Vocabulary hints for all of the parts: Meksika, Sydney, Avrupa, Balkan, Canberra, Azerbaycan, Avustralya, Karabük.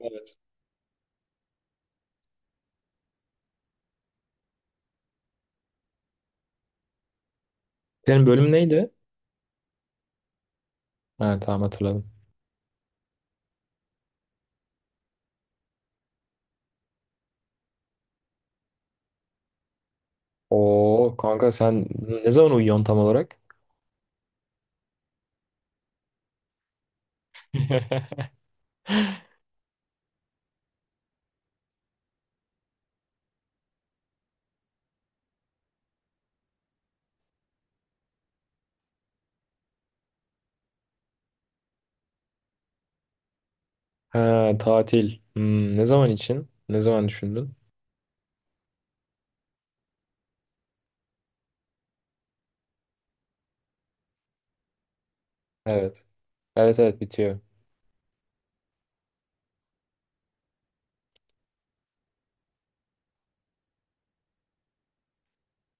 Evet. Senin bölüm neydi? Ha, tamam hatırladım. Oo kanka sen ne zaman uyuyorsun tam olarak? Ha, tatil. Hmm, ne zaman için? Ne zaman düşündün? Evet. Evet, evet bitiyor.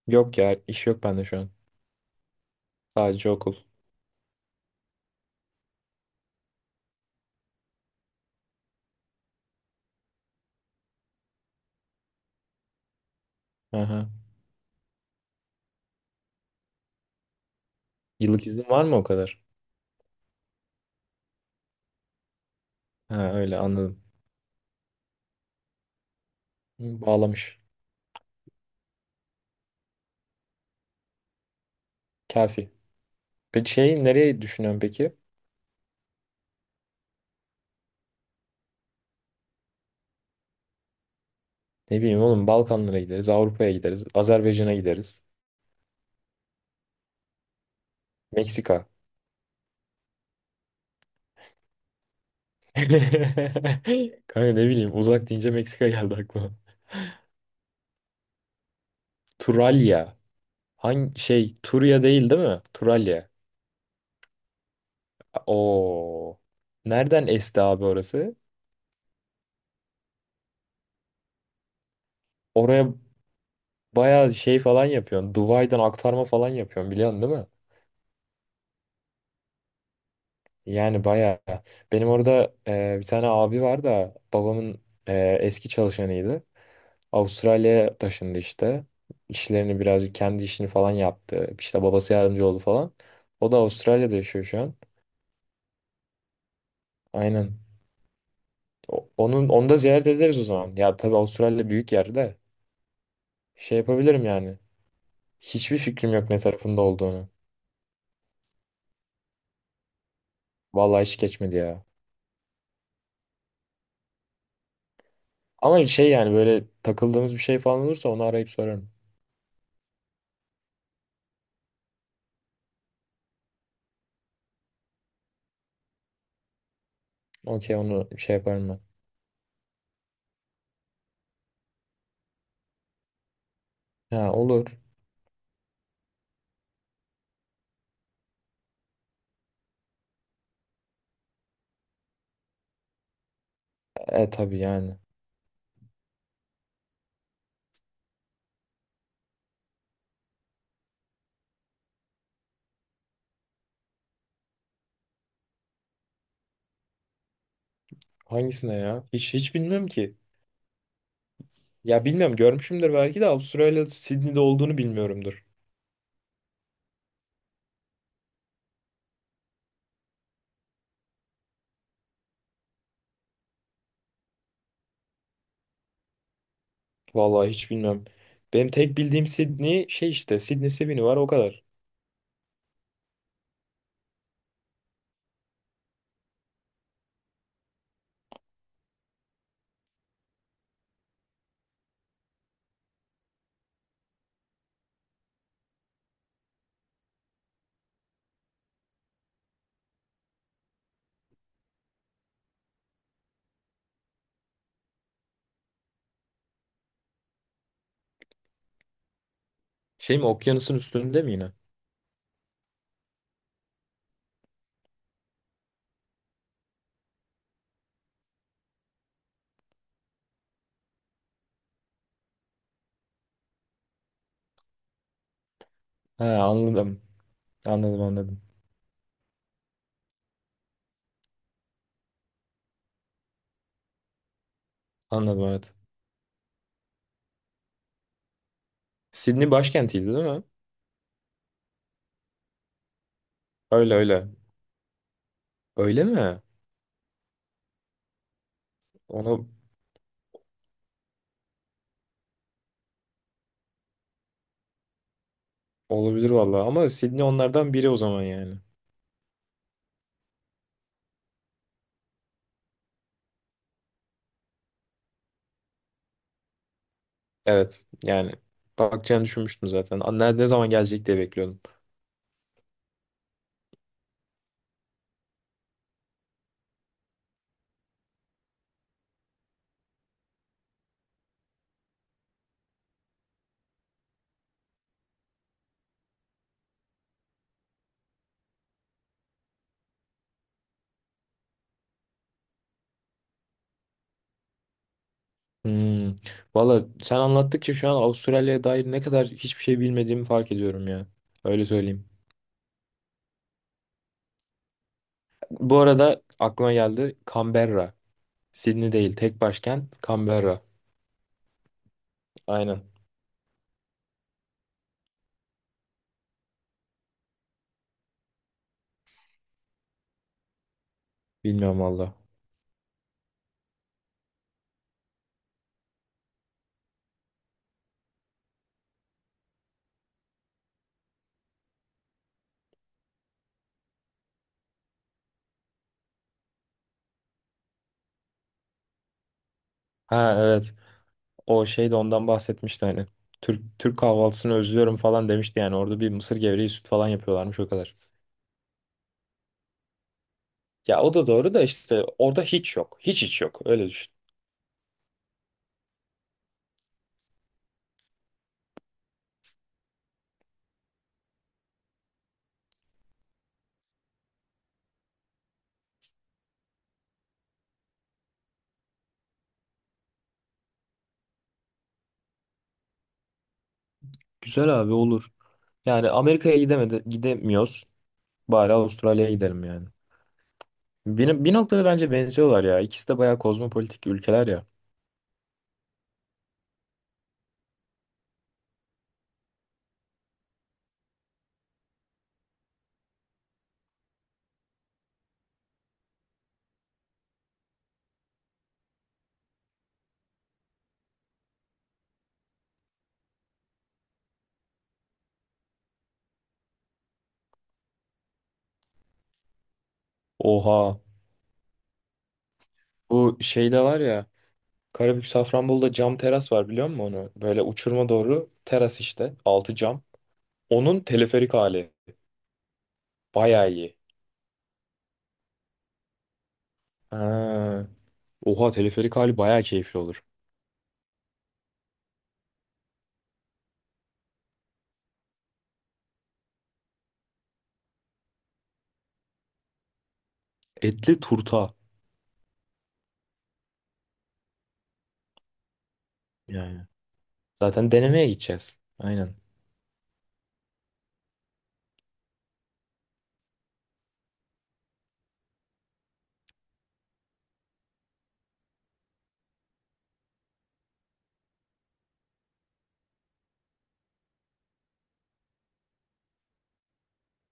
Yok ya iş yok bende şu an. Sadece okul. Aha. Yıllık iznin var mı o kadar? Ha, öyle anladım. Hı, bağlamış. Kafi. Peki şey nereye düşünüyorsun peki? Ne bileyim oğlum Balkanlara gideriz, Avrupa'ya gideriz, Azerbaycan'a gideriz. Meksika. Kanka ne bileyim uzak deyince Meksika geldi aklıma. Turalya. Hangi şey Turya değil, değil mi? Turalya. Oo. Nereden esti abi orası? Oraya bayağı şey falan yapıyorsun. Dubai'den aktarma falan yapıyorsun biliyorsun değil mi? Yani bayağı. Benim orada bir tane abi var da babamın eski çalışanıydı. Avustralya'ya taşındı işte. İşlerini birazcık kendi işini falan yaptı. İşte babası yardımcı oldu falan. O da Avustralya'da yaşıyor şu an. Aynen. Onu da ziyaret ederiz o zaman. Ya tabii Avustralya büyük yerde. Şey yapabilirim yani. Hiçbir fikrim yok ne tarafında olduğunu. Vallahi hiç geçmedi ya. Ama şey yani böyle takıldığımız bir şey falan olursa onu arayıp sorarım. Okey onu şey yaparım ben. Ha olur. E tabii yani. Hangisine ya? Hiç hiç bilmiyorum ki. Ya bilmiyorum görmüşümdür belki de Avustralya Sydney'de olduğunu bilmiyorumdur. Vallahi hiç bilmiyorum. Benim tek bildiğim Sydney şey işte Sydney Sydney var o kadar. Şey mi okyanusun üstünde mi yine? Ha, anladım. Anladım, anladım. Anladım evet. Sydney başkentiydi değil mi? Öyle öyle. Öyle mi? Ona olabilir vallahi ama Sydney onlardan biri o zaman yani. Evet yani bakacağını düşünmüştüm zaten. Ne zaman gelecek diye bekliyordum. Hmm. Valla sen anlattıkça şu an Avustralya'ya dair ne kadar hiçbir şey bilmediğimi fark ediyorum ya. Öyle söyleyeyim. Bu arada aklıma geldi Canberra. Sydney değil tek başkent Canberra. Aynen. Bilmiyorum valla. Ha evet. O şey de ondan bahsetmişti hani. Türk kahvaltısını özlüyorum falan demişti yani. Orada bir mısır gevreği süt falan yapıyorlarmış o kadar. Ya o da doğru da işte orada hiç yok. Hiç hiç yok. Öyle düşün. Güzel abi olur. Yani Amerika'ya gidemedi, gidemiyoruz. Bari Avustralya'ya gidelim yani. Bir noktada bence benziyorlar ya. İkisi de bayağı kozmopolitik ülkeler ya. Oha. Bu şeyde var ya. Karabük Safranbolu'da cam teras var biliyor musun onu? Böyle uçuruma doğru teras işte. Altı cam. Onun teleferik hali. Bayağı iyi. Ha. Oha teleferik hali bayağı keyifli olur. Etli turta. Yani. Zaten denemeye gideceğiz. Aynen.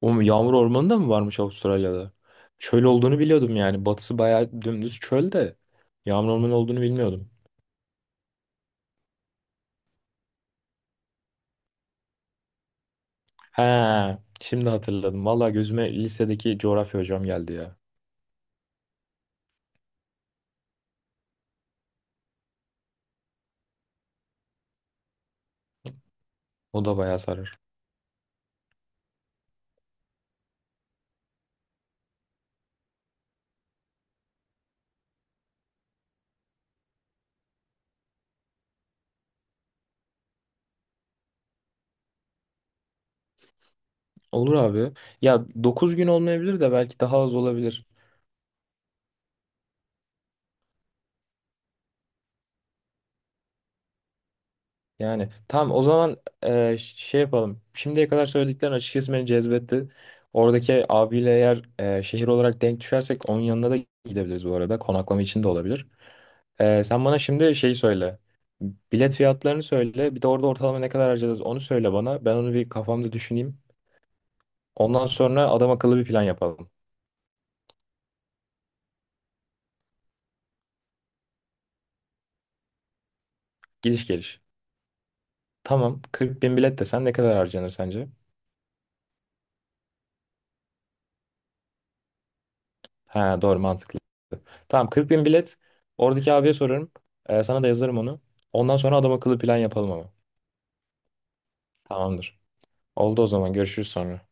O yağmur ormanı da mı varmış Avustralya'da? Çöl olduğunu biliyordum yani. Batısı bayağı dümdüz çöl de. Yağmur ormanı olduğunu bilmiyordum. He, şimdi hatırladım. Valla gözüme lisedeki coğrafya hocam geldi ya. O da bayağı sarar. Olur abi. Ya 9 gün olmayabilir de belki daha az olabilir. Yani tamam o zaman şey yapalım. Şimdiye kadar söylediklerin açıkçası beni cezbetti. Oradaki abiyle eğer şehir olarak denk düşersek onun yanına da gidebiliriz bu arada. Konaklama için de olabilir. E, sen bana şimdi şeyi söyle. Bilet fiyatlarını söyle. Bir de orada ortalama ne kadar harcarız onu söyle bana. Ben onu bir kafamda düşüneyim. Ondan sonra adam akıllı bir plan yapalım. Gidiş geliş. Tamam, 40 bin bilet desen ne kadar harcanır sence? Ha doğru mantıklı. Tamam, 40 bin bilet. Oradaki abiye sorarım. Sana da yazarım onu. Ondan sonra adam akıllı plan yapalım ama. Tamamdır. Oldu o zaman görüşürüz sonra.